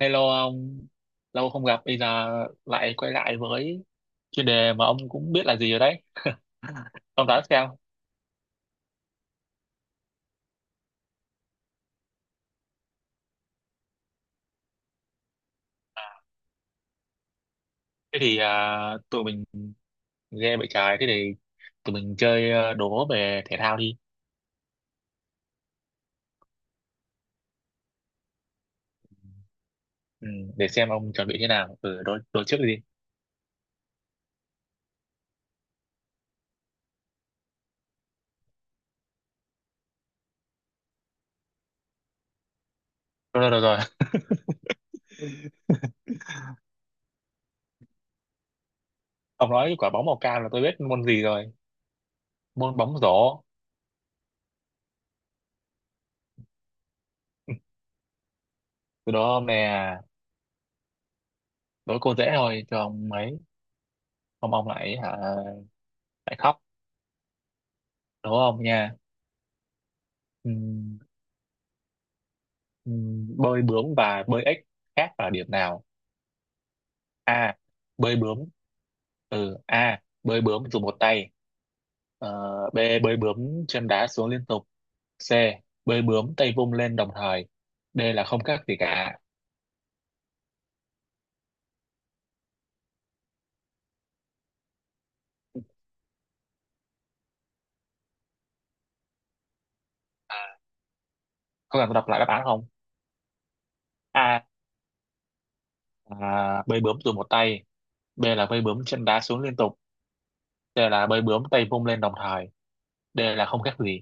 Hello ông, lâu không gặp, bây giờ lại quay lại với chuyên đề mà ông cũng biết là gì rồi đấy. Ông đoán xem. Tụi mình game bị trái, thế thì tụi mình chơi đố về thể thao đi. Ừ, để xem ông chuẩn bị thế nào. Ừ, đố đối trước đi. Rồi, rồi, rồi, rồi. Ông nói quả bóng màu cam là tôi biết môn gì rồi. Môn bóng rổ. Từ đó ông nè, đố cô dễ thôi, cho ông ấy. Ông lại hả, lại khóc. Đố ông nha? Ừ. Bơi bướm và bơi ếch khác ở điểm nào? A, bơi bướm. Ừ a Bơi bướm dùng một tay. Ờ, B, bơi bướm chân đá xuống liên tục. C, bơi bướm tay vung lên đồng thời. D là không khác gì cả. Có cần tôi đọc lại đáp án không? A là bơi bướm dùng một tay. B là bơi bướm chân đá xuống liên tục. C là bơi bướm tay vung lên đồng thời. D là không khác gì.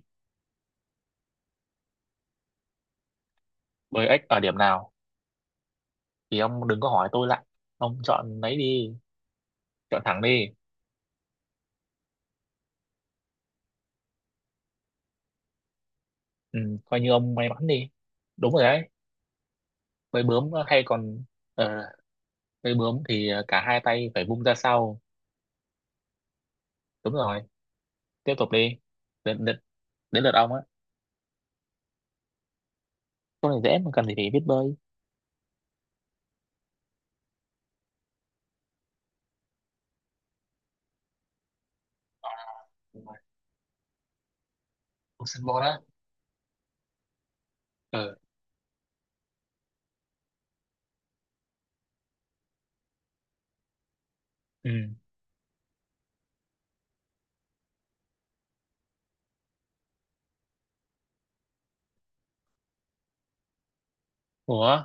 Bơi ếch ở điểm nào thì ông đừng có hỏi tôi lại, ông chọn lấy đi. Chọn thẳng đi. Ừ, coi như ông may mắn đi, đúng rồi đấy. Bơi bướm hay còn, uh, bơi bướm thì cả hai tay phải vung ra sau, đúng rồi. Tiếp tục đi. Đến đến, Đến lượt ông á. Câu này dễ mà cần gì phải biết bơi. Ông sân bò đó. Ờ. Ừ. Ủa,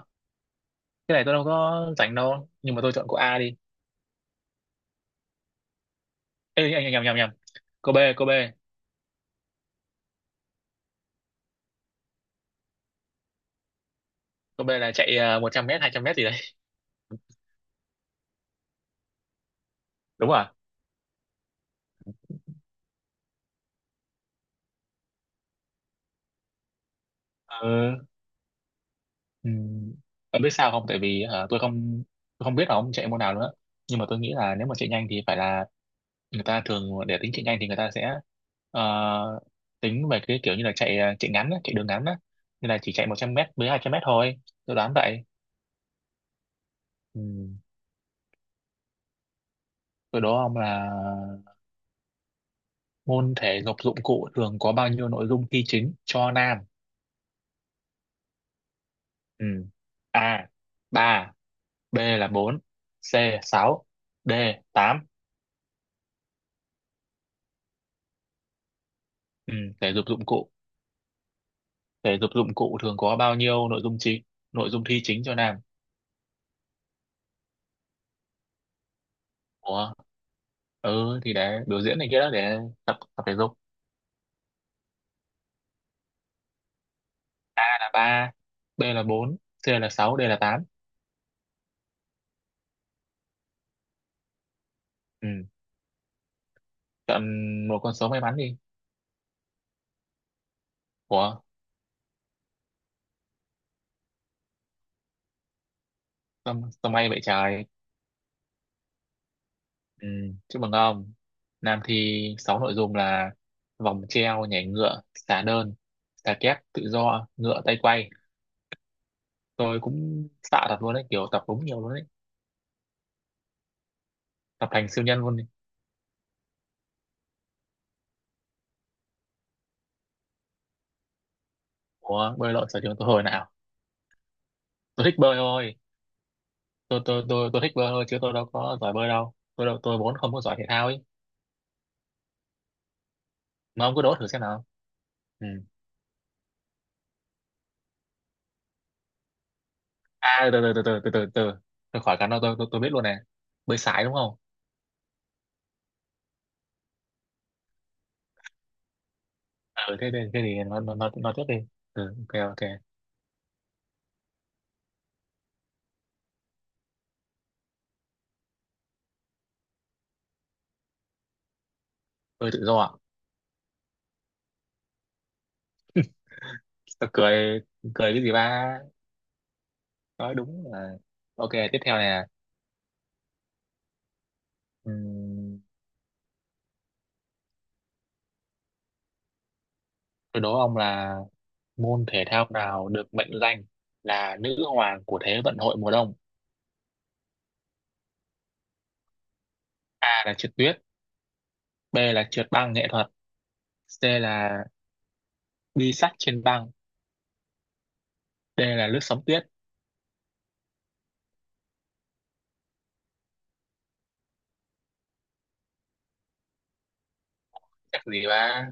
cái này tôi đâu có rảnh đâu nhưng mà tôi chọn cô A đi. Ê, nhầm nhầm nhầm nhầm, cô B, cô B. Cô B là chạy 100 mét 200 mét gì đấy. Đúng à? Ờ. Ừ. Ông biết sao không, tại vì hả, tôi không biết là ông chạy môn nào nữa, nhưng mà tôi nghĩ là nếu mà chạy nhanh thì phải là người ta thường để tính chạy nhanh thì người ta sẽ ờ, tính về cái kiểu như là chạy ngắn á, chạy đường ngắn á, như là chỉ chạy 100 mét với 200 mét thôi. Tôi đoán vậy. Ừ. Từ đó ông là môn thể dục dụng cụ thường có bao nhiêu nội dung thi chính cho nam? Ừ. A 3, B là 4, C 6, D 8. Ừ. Thể dục dụng cụ, thường có bao nhiêu nội dung thi chính cho nam? Ủa? Ừ thì để biểu diễn này kia đó, để tập tập thể dục. Ba, B là bốn, C là sáu, D là tám. Ừ, chọn một con số may mắn đi. Ủa, sao, sao may vậy trời. Ừ, chúc mừng ông. Nam thi sáu nội dung là vòng treo, nhảy ngựa, xà đơn, xà kép, tự do, ngựa tay quay. Tôi cũng sợ thật luôn đấy, kiểu tập đúng nhiều luôn đấy, tập thành siêu nhân luôn đấy. Ủa, bơi lội sở trường tôi hồi nào? Tôi thích bơi thôi. Tôi thích bơi thôi, chứ tôi đâu có giỏi bơi đâu, tôi vốn không có giỏi thể thao ấy. Mà ông cứ đố thử xem nào. Ừ. À, từ từ từ từ từ từ từ tôi khỏi cái nó, tôi biết luôn này. Bơi sải đúng không? Ừ thế thế, Thế thì nó tiếp đi. Ừ, ok ok. Bơi tự do ạ. Tôi cười. Cười cái gì ba, nói đúng là. Ok, tiếp theo nè. Ừm, tôi đố ông là môn thể thao nào được mệnh danh là nữ hoàng của thế vận hội mùa đông? A là trượt tuyết, B là trượt băng nghệ thuật, C là bi sắt trên băng, D là lướt sóng tuyết. Chắc gì ba.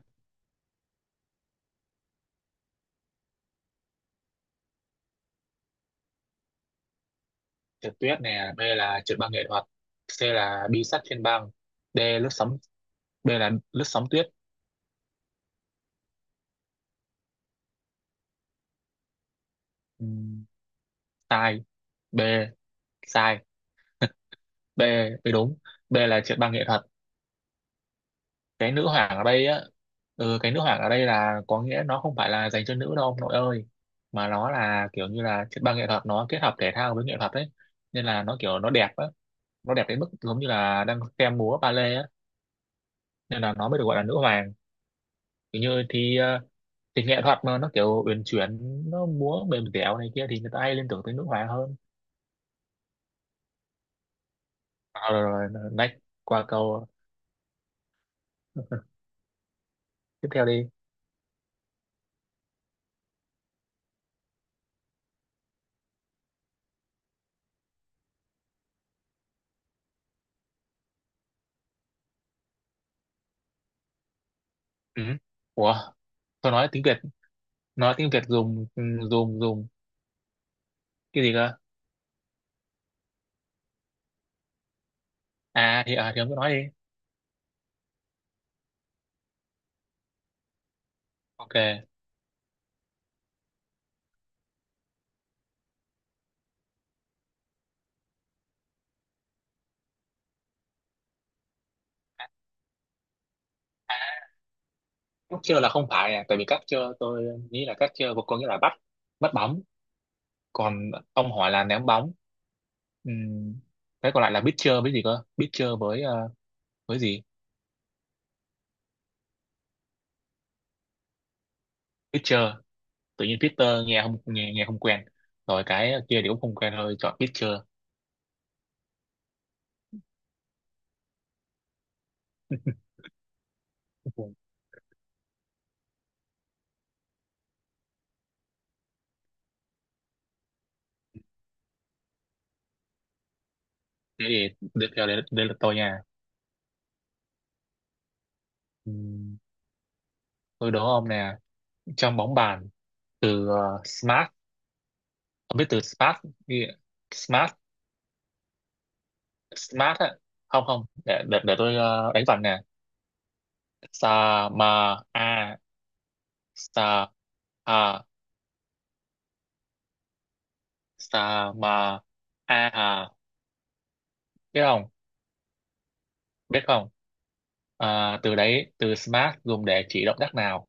Trượt tuyết nè, B là trượt băng nghệ thuật, C là bi sắt trên băng, D lướt sóng, B là lướt sóng tuyết. Ừm, sai. B sai. B. B đúng, B là trượt băng nghệ thuật. Cái nữ hoàng ở đây á, ừ, cái nữ hoàng ở đây là có nghĩa nó không phải là dành cho nữ đâu ông nội ơi, mà nó là kiểu như là trượt băng nghệ thuật nó kết hợp thể thao với nghệ thuật đấy, nên là nó kiểu nó đẹp á, nó đẹp đến mức giống như là đang xem múa ballet á, nên là nó mới được gọi là nữ hoàng. Kiểu như thi thì nghệ thuật mà nó kiểu uyển chuyển, nó múa mềm dẻo này kia thì người ta hay liên tưởng tới nước ngoài hơn. À, rồi, rồi, rồi, next. Qua câu tiếp theo đi. Ừ. Ủa, tôi nói tiếng Việt, nói tiếng Việt dùng dùng cái gì cơ? À thì à thì ông cứ nói đi. Ok. Cắt chơ là không phải, à tại vì cắt chơ tôi nghĩ là cắt chơ có nghĩa là bắt, bắt bóng. Còn ông hỏi là ném bóng. Ừm, cái còn lại là biết pitcher với gì cơ, biết pitcher với gì? Biết pitcher, tự nhiên Peter nghe không quen, rồi cái kia thì cũng không quen, thôi chọn Peter. Ừ. Thế thì tiếp theo đây, đây là tôi nha. Ừm, tôi đố ông nè, trong bóng bàn từ smart, ông biết từ smart, ghi- smart, smart á. Không không, để tôi đánh vần nè. Sa, ma, a, sa, a, sa, ma, a hà, biết không? Biết không? À, từ đấy, từ smart dùng để chỉ động tác nào?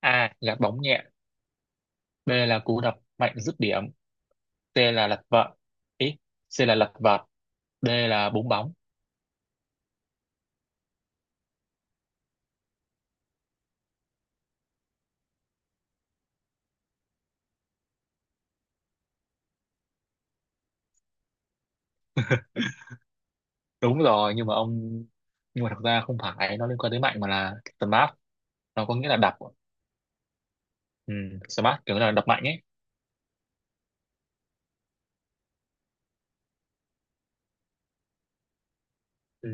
A, gạt bóng nhẹ. B là cú đập mạnh dứt điểm. C là lật vợt. Ý, C là lật vợt. D là búng bóng. Đúng rồi nhưng mà ông, nhưng mà thật ra không phải nó liên quan tới mạnh mà là smart nó có nghĩa là đập. Ừ, smart kiểu là đập mạnh ấy. Ừ,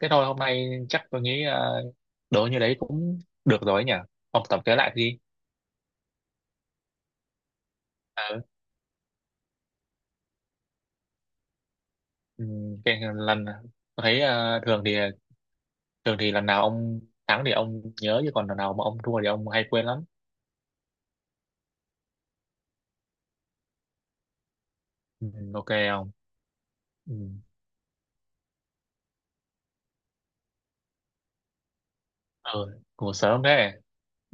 thế thôi hôm nay chắc tôi nghĩ đố như đấy cũng được rồi ấy nhỉ. Ông tổng kết lại đi. Ừ. Ừ. Cái lần tôi thấy thường thì, lần nào ông thắng thì ông nhớ, chứ còn lần nào mà ông thua thì ông hay quên lắm. Ừ. Ok không. Ừ. Ừ. Ngủ sớm thế.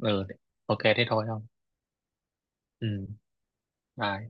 Ừ. Ok thế thôi không. Ừ, bye.